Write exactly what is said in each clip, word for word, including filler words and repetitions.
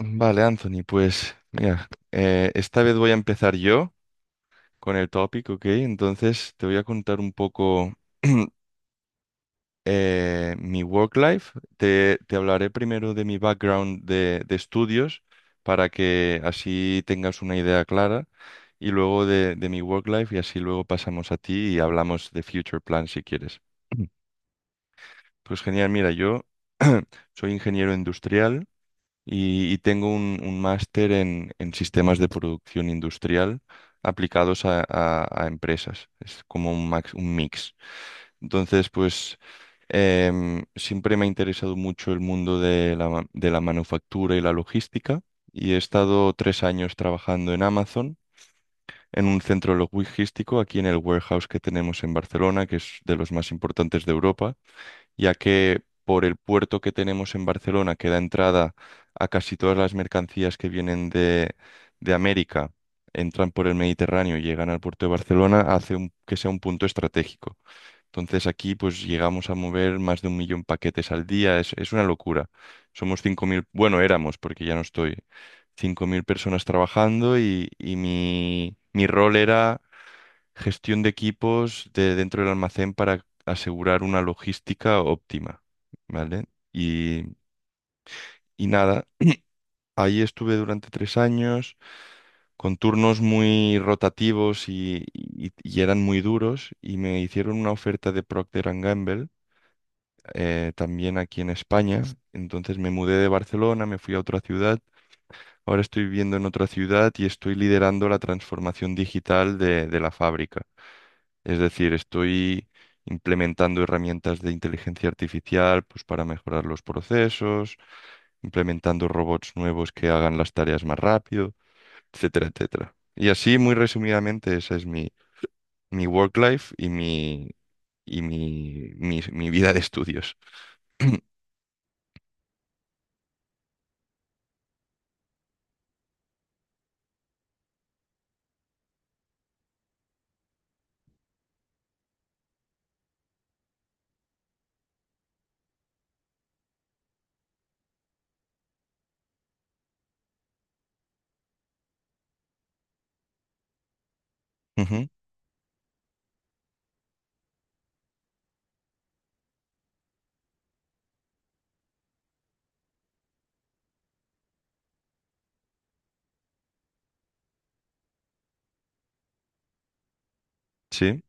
Vale, Anthony, pues mira, eh, esta vez voy a empezar yo con el topic, ¿ok? Entonces te voy a contar un poco eh, mi work life. Te, te hablaré primero de mi background de, de estudios para que así tengas una idea clara y luego de, de mi work life y así luego pasamos a ti y hablamos de future plan si quieres. Pues genial, mira, yo soy ingeniero industrial. y, y tengo un, un máster en, en sistemas de producción industrial aplicados a, a- a empresas. Es como un, max- un mix. Entonces, pues em, siempre me ha interesado mucho el mundo de la, ma- de la manufactura y la logística y he estado tres años trabajando en Amazon. En un centro logístico aquí en el warehouse que tenemos en Barcelona, que es de los más importantes de Europa, ya que por el puerto que tenemos en Barcelona, que da entrada a casi todas las mercancías que vienen de, de América, entran por el Mediterráneo y llegan al puerto de Barcelona, hace un- que sea un punto estratégico. Entonces aquí pues llegamos a mover más de un millón paquetes al día, es, es una locura. Somos cinco mil, bueno, éramos, porque ya no estoy, cinco mil personas trabajando y, y mi, mi rol era gestión de equipos de dentro del almacén para asegurar una logística óptima, ¿vale? Y, y nada, ahí estuve durante tres años con turnos muy rotativos y, y- y eran muy duros y me hicieron una oferta de Procter and Gamble, eh, también aquí en España. Entonces me mudé de Barcelona, me fui a otra ciudad. Ahora estoy viviendo en otra ciudad y estoy liderando la transformación digital de de la fábrica. Es decir, estoy implementando herramientas de inteligencia artificial, pues, para mejorar los procesos, implementando robots nuevos que hagan las tareas más rápido, etcétera, etcétera. Y así, muy resumidamente, esa es mi, mi work life y mi, y mi, mi, mi vida de estudios. Ujú. Sí,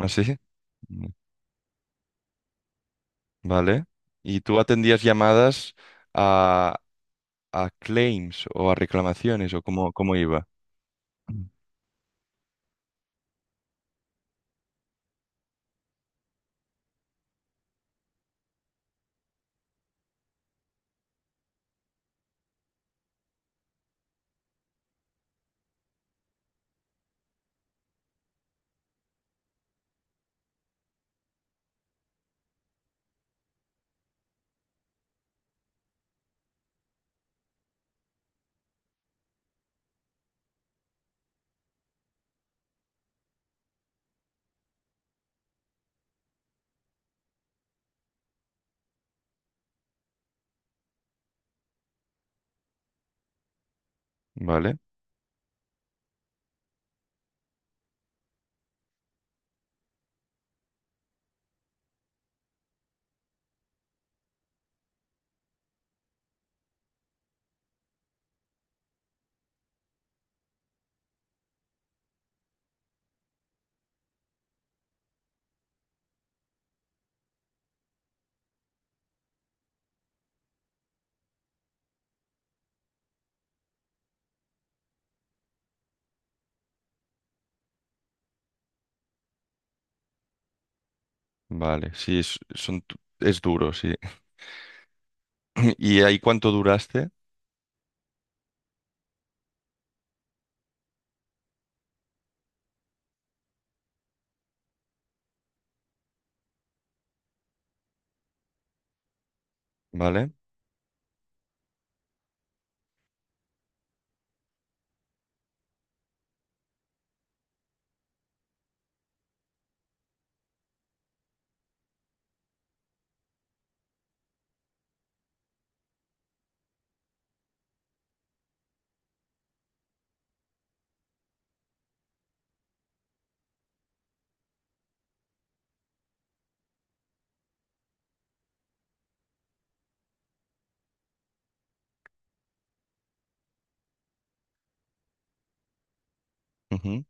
así. Mm. Vale. ¿Y tú atendías llamadas a, a claims o a reclamaciones, o cómo, cómo iba? Vale, vale, sí, es, son, tu- es duro, sí. ¿Y ahí cuánto duraste? Vale, ujú,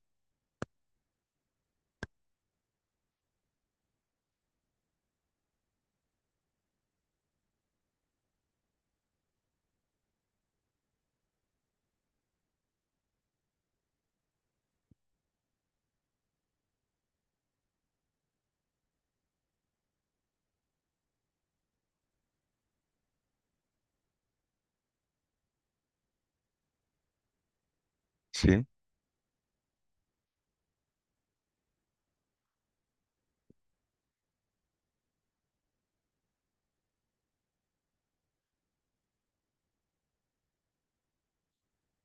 sí,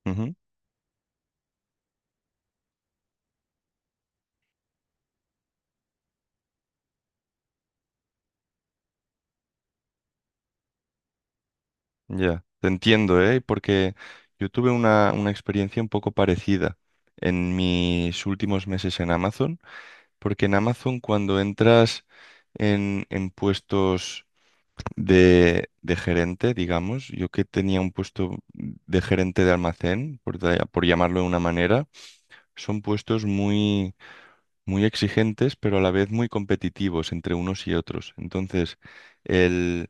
ujú, ya. Te entiendo, ¿eh? Porque yo tuve una, una experiencia un poco parecida en mis últimos meses en Amazon, porque en Amazon, cuando entras en, en puestos de, de gerente, digamos, yo que tenía un puesto de gerente de almacén, por, da- por llamarlo de una manera, son puestos muy, muy exigentes, pero a la vez muy competitivos entre unos y otros. Entonces, el,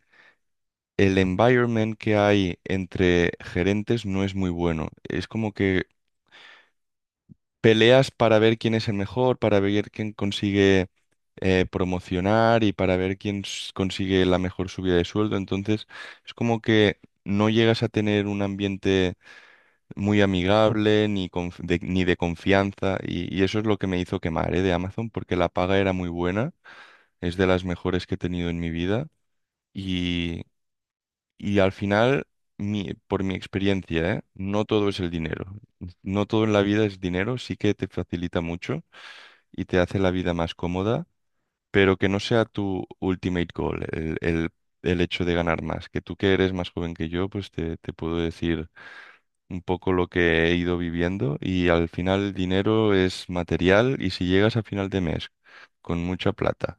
el environment que hay entre gerentes no es muy bueno. Es como que peleas para ver quién es el mejor, para ver quién consigue, eh, promocionar, y para ver quién s- consigue la mejor subida de sueldo. Entonces, es como que no llegas a tener un ambiente muy amigable, ni, conf- de, ni de confianza, y, y eso es lo que me hizo quemar, ¿eh? De Amazon, porque la paga era muy buena, es de las mejores que he tenido en mi vida, y, y al final, mi, por mi experiencia, ¿eh? No todo es el dinero, no todo en la vida es dinero, sí que te facilita mucho y te hace la vida más cómoda, pero que no sea tu ultimate goal, el, el, el hecho de ganar más, que tú, que eres más joven que yo, pues te, te puedo decir un poco lo que he ido viviendo y al final el dinero es material, y si llegas a final de mes con mucha plata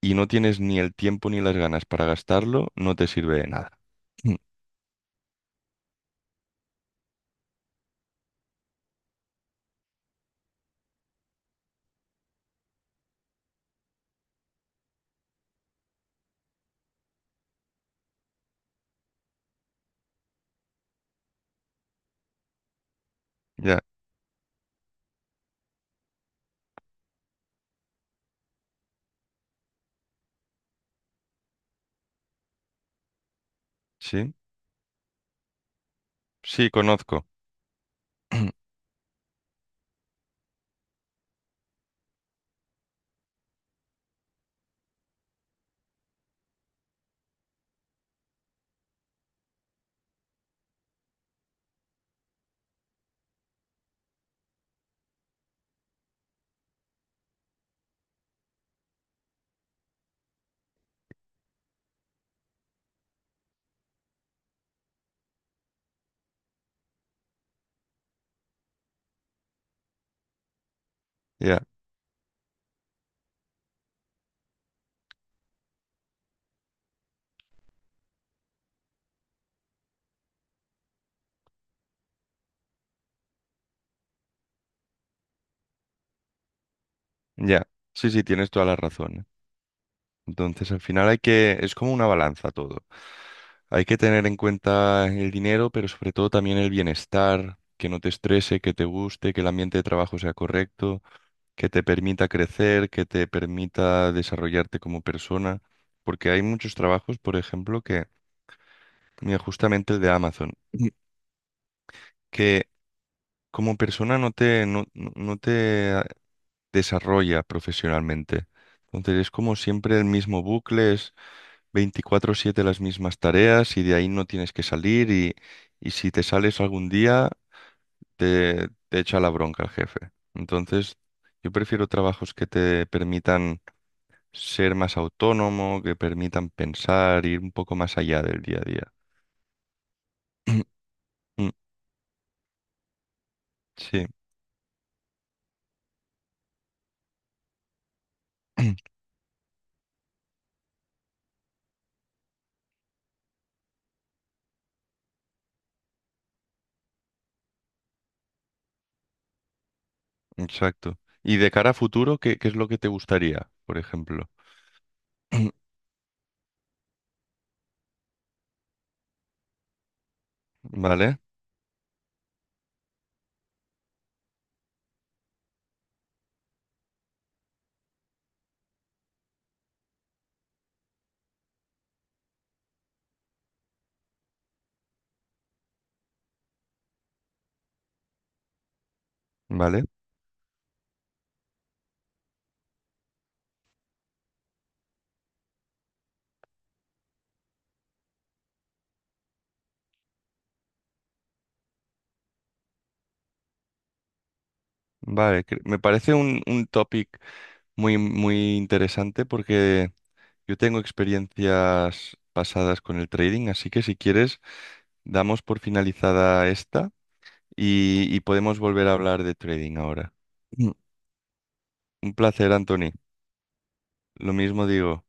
y no tienes ni el tiempo ni las ganas para gastarlo, no te sirve de nada. Mm. Ya, sí, sí, conozco. Ya, ya, sí, sí, tienes toda la razón, ¿eh? Entonces al final hay que, es como una balanza todo. Hay que tener en cuenta el dinero, pero sobre todo también el bienestar, que no te estrese, que te guste, que el ambiente de trabajo sea correcto, que te permita crecer, que te permita desarrollarte como persona, porque hay muchos trabajos, por ejemplo, que, mira, justamente el de Amazon, Mm, que como persona no te, no, no- no te ah, desarrolla profesionalmente. Entonces es como siempre el mismo bucle, es veinticuatro siete las mismas tareas y de ahí no tienes que salir y, y si te sales algún día te, te echa la bronca el jefe. Entonces yo prefiero trabajos que te permitan ser más autónomo, que permitan pensar, ir un poco más allá del día a día. Mm. Sí. Exacto. Y de cara a futuro, ¿qué, qué es lo que te gustaría, por ejemplo? Vale, vale, vale. cre- Me parece un, un topic muy, muy interesante porque yo tengo experiencias pasadas con el trading, así que si quieres, damos por finalizada esta y, y podemos volver a hablar de trading ahora. Mm. Un placer, Anthony. Lo mismo digo.